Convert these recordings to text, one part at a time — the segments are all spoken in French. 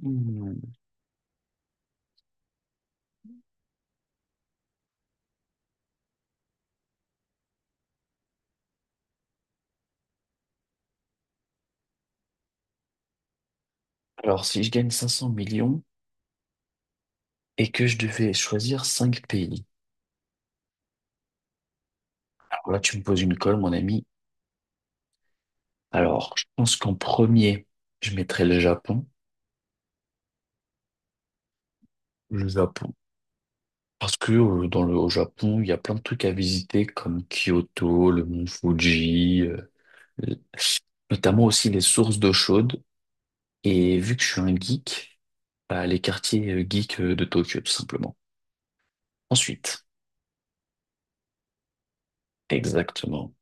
Hmm. Alors, si je gagne 500 millions et que je devais choisir 5 pays, alors là, tu me poses une colle, mon ami. Alors, je pense qu'en premier, je mettrais le Japon. Le Japon. Parce que dans au Japon, il y a plein de trucs à visiter comme Kyoto, le mont Fuji, le- notamment aussi les sources d'eau chaude. Et vu que je suis un geek, bah, les quartiers geeks de Tokyo, tout simplement. Ensuite, exactement.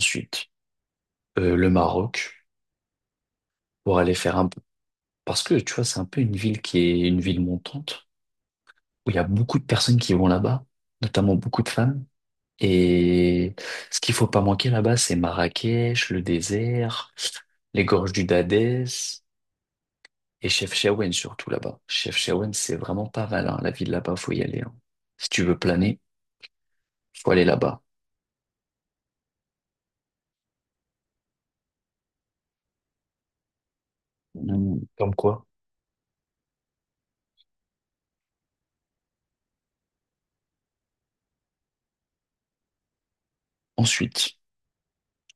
Ensuite, le Maroc pour aller faire un. Parce que, tu vois, c'est un peu une ville qui est une ville montante, où il y a beaucoup de personnes qui vont là-bas, notamment beaucoup de femmes. Et ce qu'il faut pas manquer là-bas, c'est Marrakech, le désert, les gorges du Dadès et Chefchaouen surtout là-bas. Chefchaouen, c'est vraiment pas mal, hein. La ville là-bas, faut y aller, hein. Si tu veux planer, faut aller là-bas. Mm, comme quoi? Ensuite,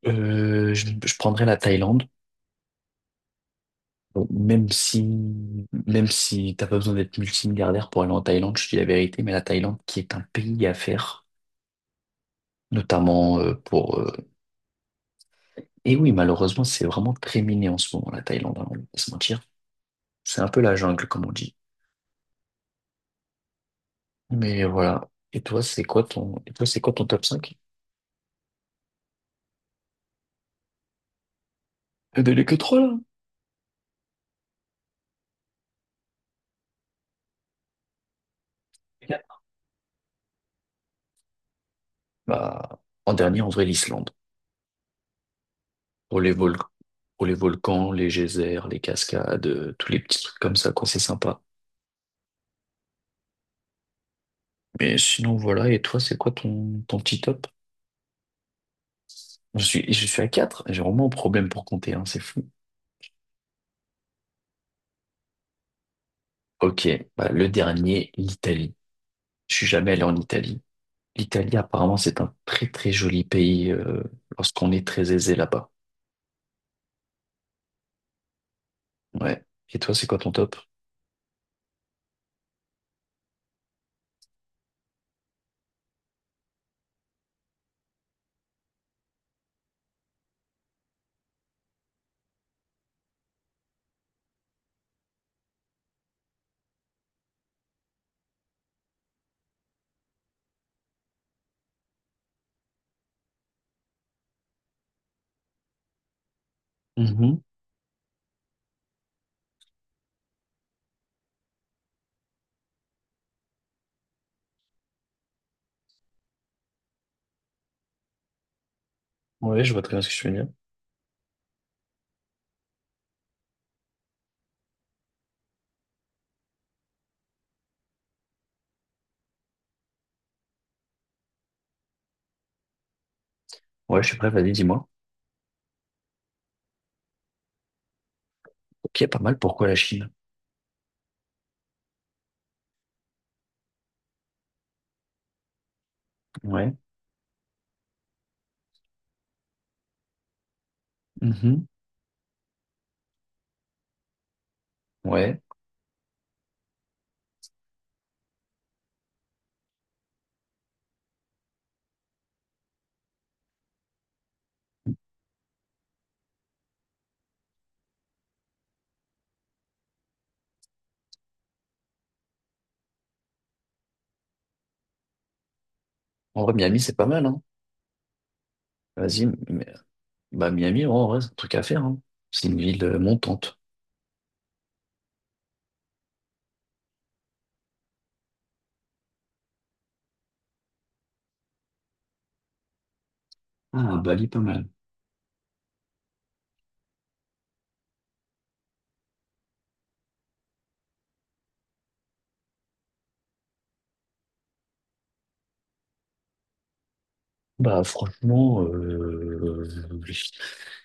je prendrai la Thaïlande. Bon, même si t'as pas besoin d'être multimilliardaire pour aller en Thaïlande, je te dis la vérité, mais la Thaïlande qui est un pays à faire, notamment pour. Et oui, malheureusement, c'est vraiment très miné en ce moment, la Thaïlande, hein, on va pas se mentir. C'est un peu la jungle, comme on dit. Mais voilà. Et toi, c'est quoi ton top cinq. Il n'y en que trois là. Bah, en dernier, en vrai, l'Islande. Pour les vol- pour les volcans, les geysers, les cascades, tous les petits trucs comme ça, quoi, c'est sympa. Mais sinon, voilà. Et toi, c'est quoi ton petit top? Je suis à quatre, j'ai vraiment un problème pour compter, hein, c'est fou. Ok, bah, le dernier, l'Italie. Je suis jamais allé en Italie. L'Italie, apparemment, c'est un très très joli pays lorsqu'on est très aisé là-bas. Ouais. Et toi, c'est quoi ton top? Mhm. Ouais, je vois très bien ce que tu veux dire. Ouais, je suis prêt, vas-y, dis-moi. Ok, pas mal, pourquoi la Chine? Ouais. Mhm. Ouais. En vrai, Miami, c'est pas mal, hein. Vas-y, mais- bah Miami, ouais, en vrai, c'est un truc à faire, hein. C'est une ville montante. Ah, Bali, pas mal. Bah franchement,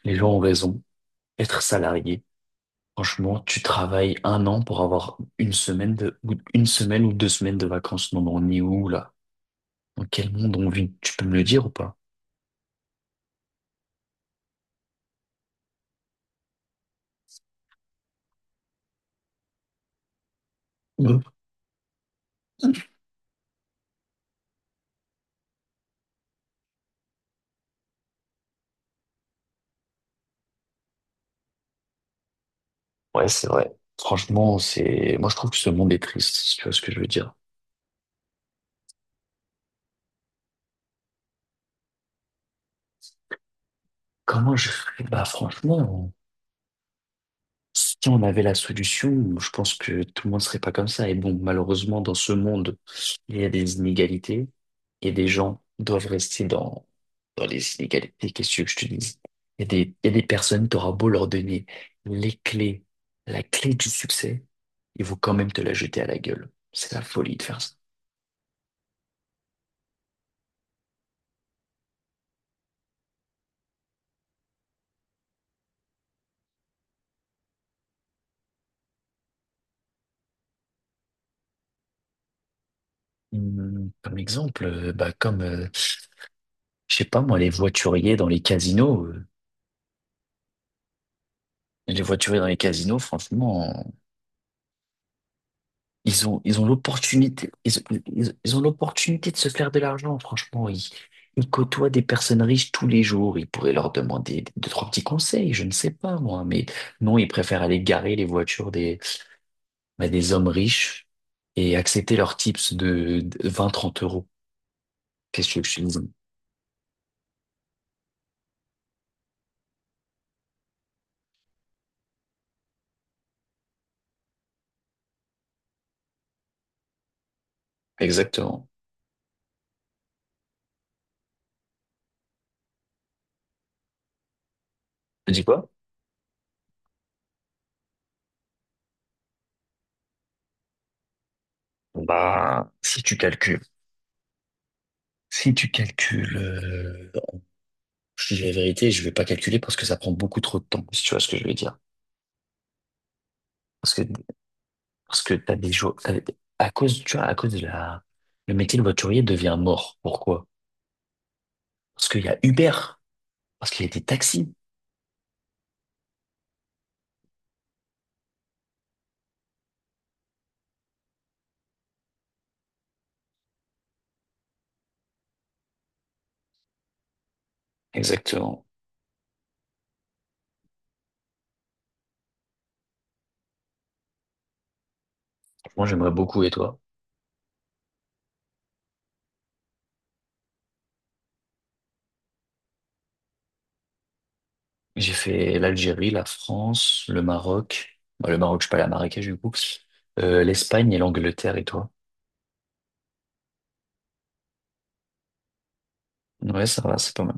les gens ont raison. Être salarié, franchement, tu travailles un an pour avoir ou une semaine ou deux semaines de vacances. Non, mais on est où là? Dans quel monde on vit? Tu peux me le dire ou pas? Mhm. Ouais, c'est vrai. Franchement, moi je trouve que ce monde est triste, si tu vois ce que je veux dire. Comment je ferais? Bah franchement. Si on avait la solution, je pense que tout le monde serait pas comme ça. Et bon, malheureusement, dans ce monde, il y a des inégalités et des gens doivent rester dans les inégalités. Qu'est-ce que je te dis? Il y a des personnes, t'auras beau leur donner les clés, la clé du succès, ils vont quand même te la jeter à la gueule. C'est la folie de faire ça. Comme exemple, je sais pas moi, les voituriers dans les casinos. Les voituriers dans les casinos, franchement. Ils ont l'opportunité, ils ont l'opportunité de se faire de l'argent, franchement. Ils côtoient des personnes riches tous les jours. Ils pourraient leur demander deux, trois petits conseils, je ne sais pas, moi. Mais non, ils préfèrent aller garer les voitures bah, des hommes riches et accepter leurs tips de 20, 30 euros. Qu'est-ce que tu veux que je te dise? Exactement. Tu dis quoi? Bah, si tu calcules, si tu calcules, non, je te dis la vérité, je vais pas calculer parce que ça prend beaucoup trop de temps, si tu vois ce que je veux dire. Parce que Parce que t'as des jours, t'as- à cause, à cause de le métier de voiturier devient mort. Pourquoi? Parce qu'il y a Uber, parce qu'il y a des taxis. Exactement. Moi, j'aimerais beaucoup, et toi? J'ai fait l'Algérie, la France, le Maroc. Bah, le Maroc, je suis pas allé à Marrakech, du coup. l'Espagne et l'Angleterre, et toi? Ouais, ça va, c'est pas mal.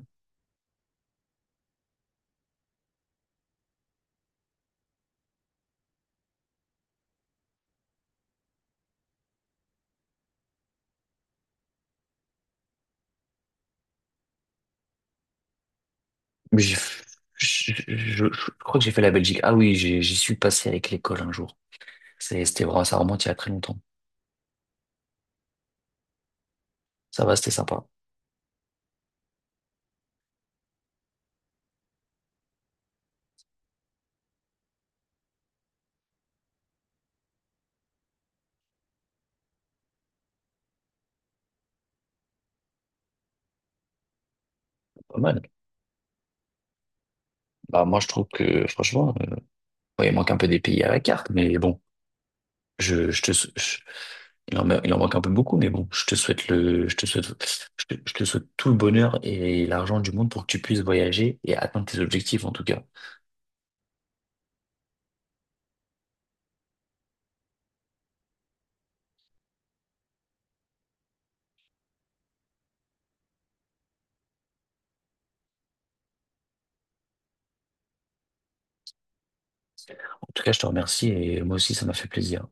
Mais j'ai, je, je crois que j'ai fait la Belgique. Ah oui, j'y suis passé avec l'école un jour. C'était vraiment, ça remonte il y a très longtemps. Ça va, c'était sympa. Pas mal. Bah, moi, je trouve que, franchement, ouais, il manque un peu des pays à la carte, mais bon, je te, sou- je- il en, ma- il en manque un peu beaucoup, mais bon, je te souhaite le, je te souhaite tout le bonheur et l'argent du monde pour que tu puisses voyager et atteindre tes objectifs, en tout cas. En tout cas, je te remercie et moi aussi, ça m'a fait plaisir.